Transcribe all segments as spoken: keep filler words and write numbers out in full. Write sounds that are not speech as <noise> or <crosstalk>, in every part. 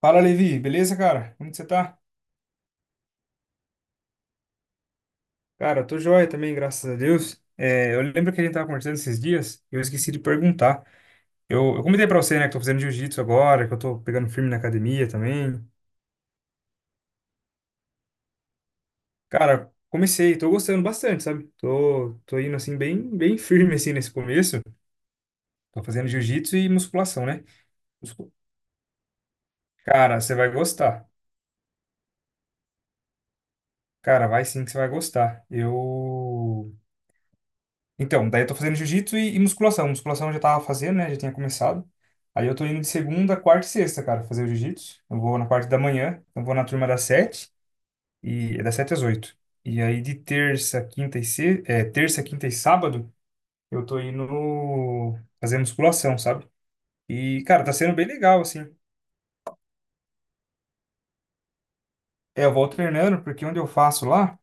Fala, Levi, beleza, cara? Como que você tá? Cara, eu tô joia também, graças a Deus. É, eu lembro que a gente tava conversando esses dias, e eu esqueci de perguntar. Eu, eu comentei pra você, né, que tô fazendo jiu-jitsu agora, que eu tô pegando firme na academia também. Cara, comecei, tô gostando bastante, sabe? Tô, tô indo, assim, bem, bem <laughs> firme, assim, nesse começo. Tô fazendo jiu-jitsu e musculação, né? Muscu- Cara, você vai gostar. Cara, vai sim que você vai gostar. Eu... Então, daí eu tô fazendo jiu-jitsu e, e musculação. Musculação eu já tava fazendo, né? Já tinha começado. Aí eu tô indo de segunda, quarta e sexta, cara, fazer o jiu-jitsu. Eu vou na parte da manhã, eu vou na turma das sete, e é das sete às oito. E aí de terça, quinta e se... é, terça, quinta e sábado, eu tô indo no- fazer musculação, sabe? E, cara, tá sendo bem legal, assim. É, eu vou treinando, porque onde eu faço lá,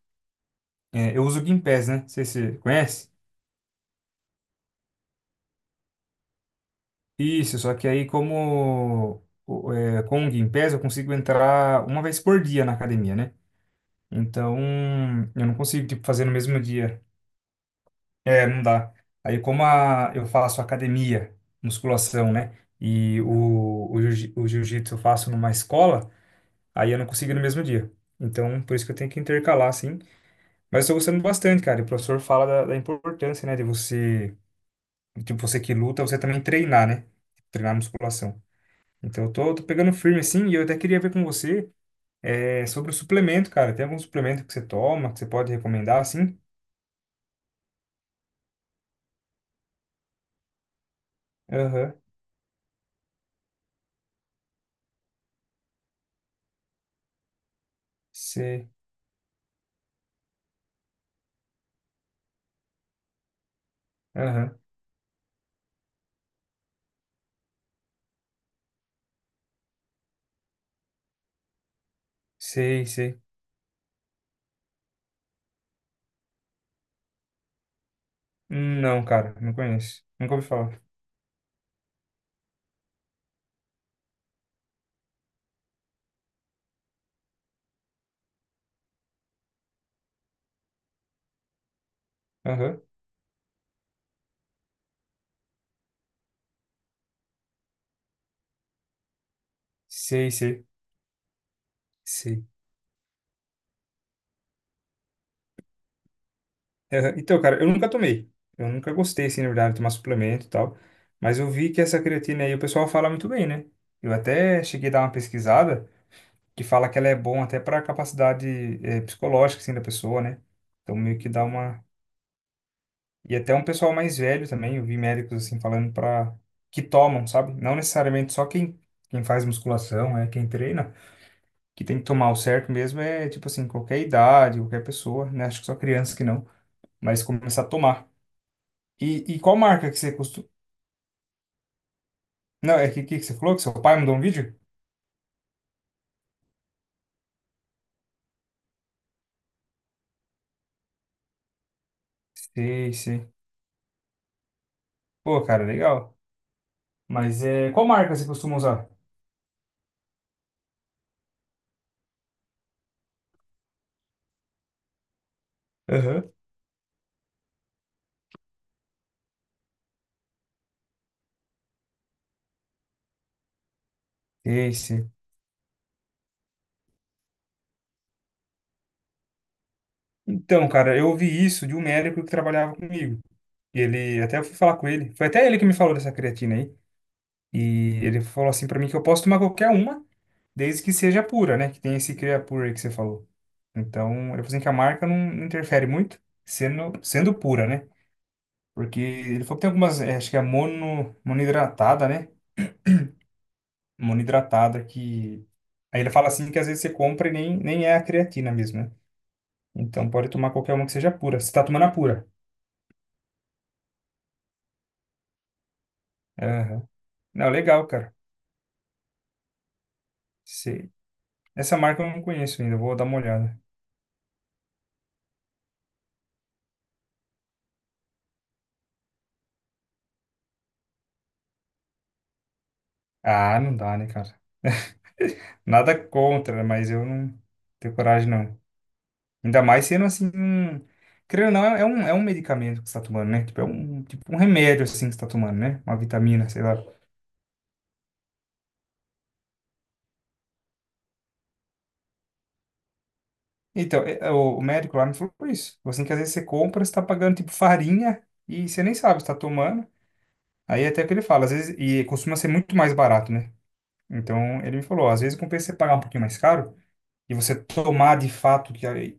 é, eu uso o Gympass, né? Não sei se você conhece. Isso, só que aí como o- é, com o Gympass eu consigo entrar uma vez por dia na academia, né? Então eu não consigo tipo, fazer no mesmo dia. É, não dá. Aí como a, eu faço academia, musculação, né? E o, o, jiu- o jiu-jitsu eu faço numa escola, aí eu não consigo ir no mesmo dia. Então por isso que eu tenho que intercalar, assim. Mas eu tô gostando bastante, cara. E o professor fala da, da importância, né? De você, tipo, você que luta, você também treinar, né? Treinar musculação. Então, eu tô, tô, pegando firme assim, e eu até queria ver com você é, sobre o suplemento, cara. Tem algum suplemento que você toma, que você pode recomendar, assim? Aham, sei. Aham, sei, sei. Hum. Não, cara, não conheço. Nunca ouvi falar. Aham, sei, sei, sei. Aham. Então, cara, eu nunca tomei. Eu nunca gostei, assim, na verdade, de tomar suplemento e tal. Mas eu vi que essa creatina aí, o pessoal fala muito bem, né? Eu até cheguei a dar uma pesquisada que fala que ela é bom até para capacidade eh, psicológica, assim, da pessoa, né? Então, meio que dá uma. E até um pessoal mais velho também, eu vi médicos assim falando para que tomam, sabe? Não necessariamente só quem, quem faz musculação, é quem treina, que tem que tomar o certo mesmo é tipo assim, qualquer idade, qualquer pessoa, né? Acho que só criança que não, mas começar a tomar. E, e qual marca que você costuma. Não, é que, que que você falou que seu pai mandou um vídeo? Sei, sei. Pô, cara, legal. Mas é, qual marca você costuma usar? Aham. Sei, sei. Então, cara, eu ouvi isso de um médico que trabalhava comigo. E ele, até eu fui falar com ele, foi até ele que me falou dessa creatina aí. E ele falou assim pra mim que eu posso tomar qualquer uma, desde que seja pura, né? Que tem esse Creapure aí que você falou. Então, ele falou assim que a marca não interfere muito, sendo, sendo pura, né? Porque ele falou que tem algumas, eh, acho que é mono, monoidratada, né? Monoidratada que. Aí ele fala assim que às vezes você compra e nem, nem é a creatina mesmo, né? Então pode tomar qualquer uma que seja pura. Você tá tomando a pura. Aham. Não, legal, cara. Sei. Essa marca eu não conheço ainda, eu vou dar uma olhada. Ah, não dá, né, cara? <laughs> Nada contra, né, mas eu não tenho coragem, não. Ainda mais sendo assim, um... Querendo ou não, é um, é um medicamento que você tá tomando, né? Tipo, é um, tipo um remédio, assim, que você tá tomando, né? Uma vitamina, sei lá. Então, é- é, o o médico lá me falou isso. Falou assim, que às vezes você compra, você tá pagando, tipo, farinha e você nem sabe se tá tomando. Aí até que ele fala, às vezes, e costuma ser muito mais barato, né? Então, ele me falou, ó, às vezes compensa você pagar um pouquinho mais caro, e você tomar de fato que é,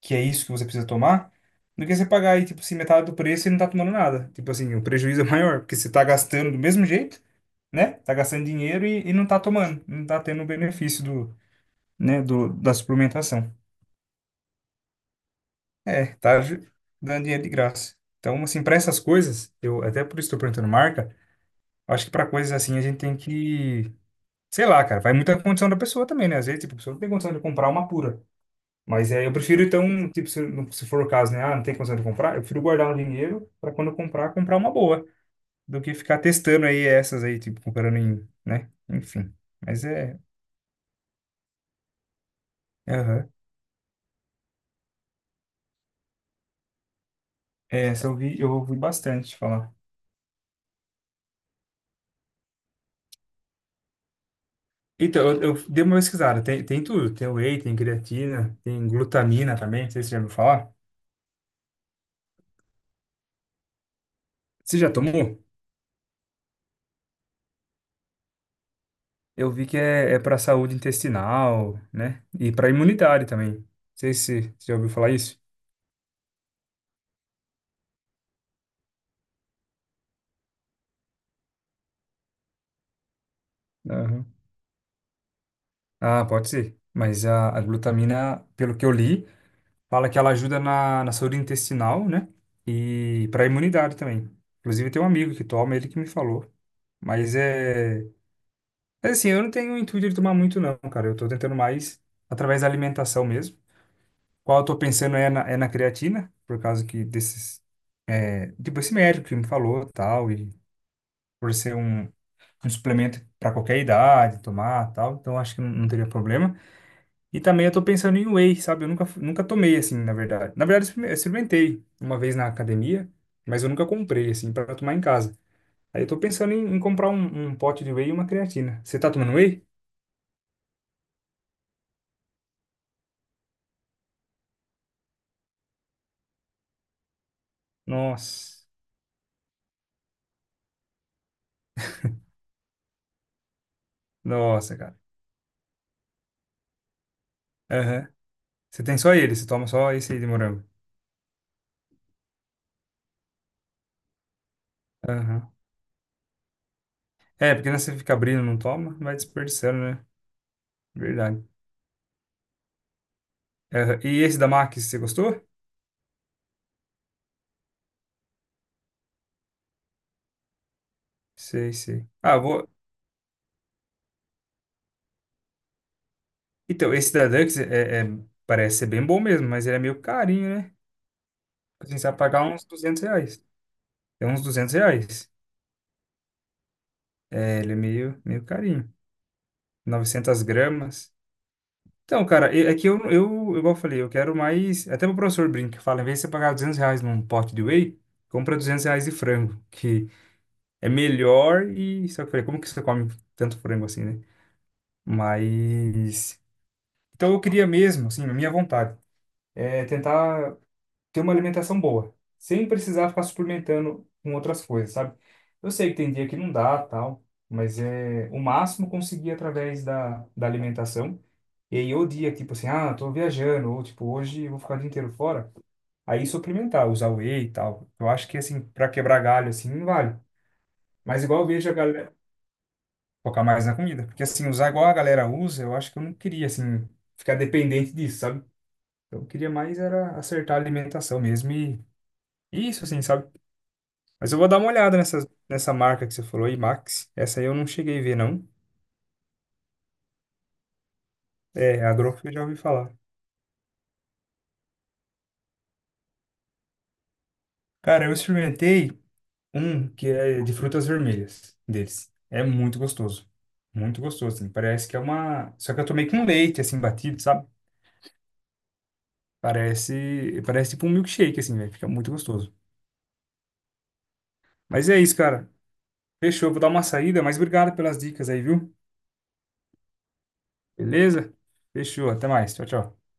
que é isso que você precisa tomar, do que você pagar aí, tipo, assim, metade do preço e não tá tomando nada. Tipo assim, o prejuízo é maior, porque você tá gastando do mesmo jeito, né? Tá gastando dinheiro e, e não tá tomando, não tá tendo o benefício do, né, do, da suplementação. É, tá ju- dando dinheiro de graça. Então, assim, para essas coisas, eu até por isso estou perguntando marca, acho que para coisas assim a gente tem que, sei lá, cara, vai muito a condição da pessoa também, né? Às vezes, tipo, a pessoa não tem condição de comprar uma pura. Mas é, eu prefiro, então, tipo, se, não- se for o caso, né? Ah, não tem condição de comprar, eu prefiro guardar um dinheiro para quando eu comprar, comprar uma boa, do que ficar testando aí essas aí, tipo, comprando em, né? Enfim. Mas é. Aham. É, essa eu vi, eu ouvi bastante falar. Então, eu, eu dei uma pesquisada, tem, tem tudo. Tem whey, tem creatina, tem glutamina também, não sei se você já ouviu falar. Você já tomou? Eu vi que é, é para saúde intestinal, né? E para imunidade também. Não sei se você já ouviu falar isso. Ah, pode ser. Mas a, a glutamina, pelo que eu li, fala que ela ajuda na, na saúde intestinal, né? E para a imunidade também. Inclusive, tem um amigo que toma, ele que me falou. Mas é. Mas assim, eu não tenho o intuito de tomar muito, não, cara. Eu tô tentando mais através da alimentação mesmo. Qual eu tô pensando é na, é na creatina, por causa que desses. É, tipo, esse médico que me falou tal, e por ser um, um suplemento para qualquer idade, tomar tal. Então, acho que não, não teria problema. E também eu tô pensando em whey, sabe? Eu nunca, nunca tomei, assim, na verdade. Na verdade, eu experime- eu experimentei uma vez na academia, mas eu nunca comprei, assim, para tomar em casa. Aí eu tô pensando em, em comprar um, um pote de whey e uma creatina. Você tá tomando whey? Nossa. Nossa, cara. Aham. Você tem só ele, você toma só esse aí de morango. Aham. É, porque né, você fica abrindo, não toma, vai desperdiçando, né? Verdade. Aham. E esse da Max, você gostou? Sei, sei. Ah, vou. Então, esse da Dux é, é- parece ser bem bom mesmo, mas ele é meio carinho, né? Assim, você vai pagar uns duzentos reais. É uns duzentos reais. É, ele é meio, meio carinho. Novecentas gramas. Então, cara, é é que eu, eu, igual eu falei, eu quero mais. Até o professor brinca, fala, em vez de você pagar duzentos reais num pote de whey, compra duzentos reais de frango, que é melhor e. Só que eu falei, como que você come tanto frango assim, né? Mas. Então, eu queria mesmo, assim, a minha vontade, é tentar. Ter uma alimentação boa, sem precisar ficar suplementando com outras coisas, sabe? Eu sei que tem dia que não dá, tal, mas é o máximo conseguir através da, da alimentação. E aí, o dia, tipo assim, ah, tô viajando, ou tipo, hoje eu vou ficar o dia inteiro fora, aí suplementar, usar whey e tal. Eu acho que, assim, pra quebrar galho, assim, não vale. Mas igual eu vejo a galera focar mais na comida, porque, assim, usar igual a galera usa, eu acho que eu não queria, assim, ficar dependente disso, sabe? Eu queria mais era acertar a alimentação mesmo e e isso, assim, sabe? Mas eu vou dar uma olhada nessa, nessa marca que você falou, Imax. Essa aí eu não cheguei a ver, não. É, é a Growth eu já ouvi falar. Cara, eu experimentei um que é de frutas vermelhas deles. É muito gostoso. Muito gostoso, assim. Parece que é uma. Só que eu tomei com leite, assim, batido, sabe? Parece, parece tipo um milkshake, assim, velho. Fica muito gostoso. Mas é isso, cara. Fechou. Vou dar uma saída, mas obrigado pelas dicas aí, viu? Beleza? Fechou. Até mais. Tchau, tchau.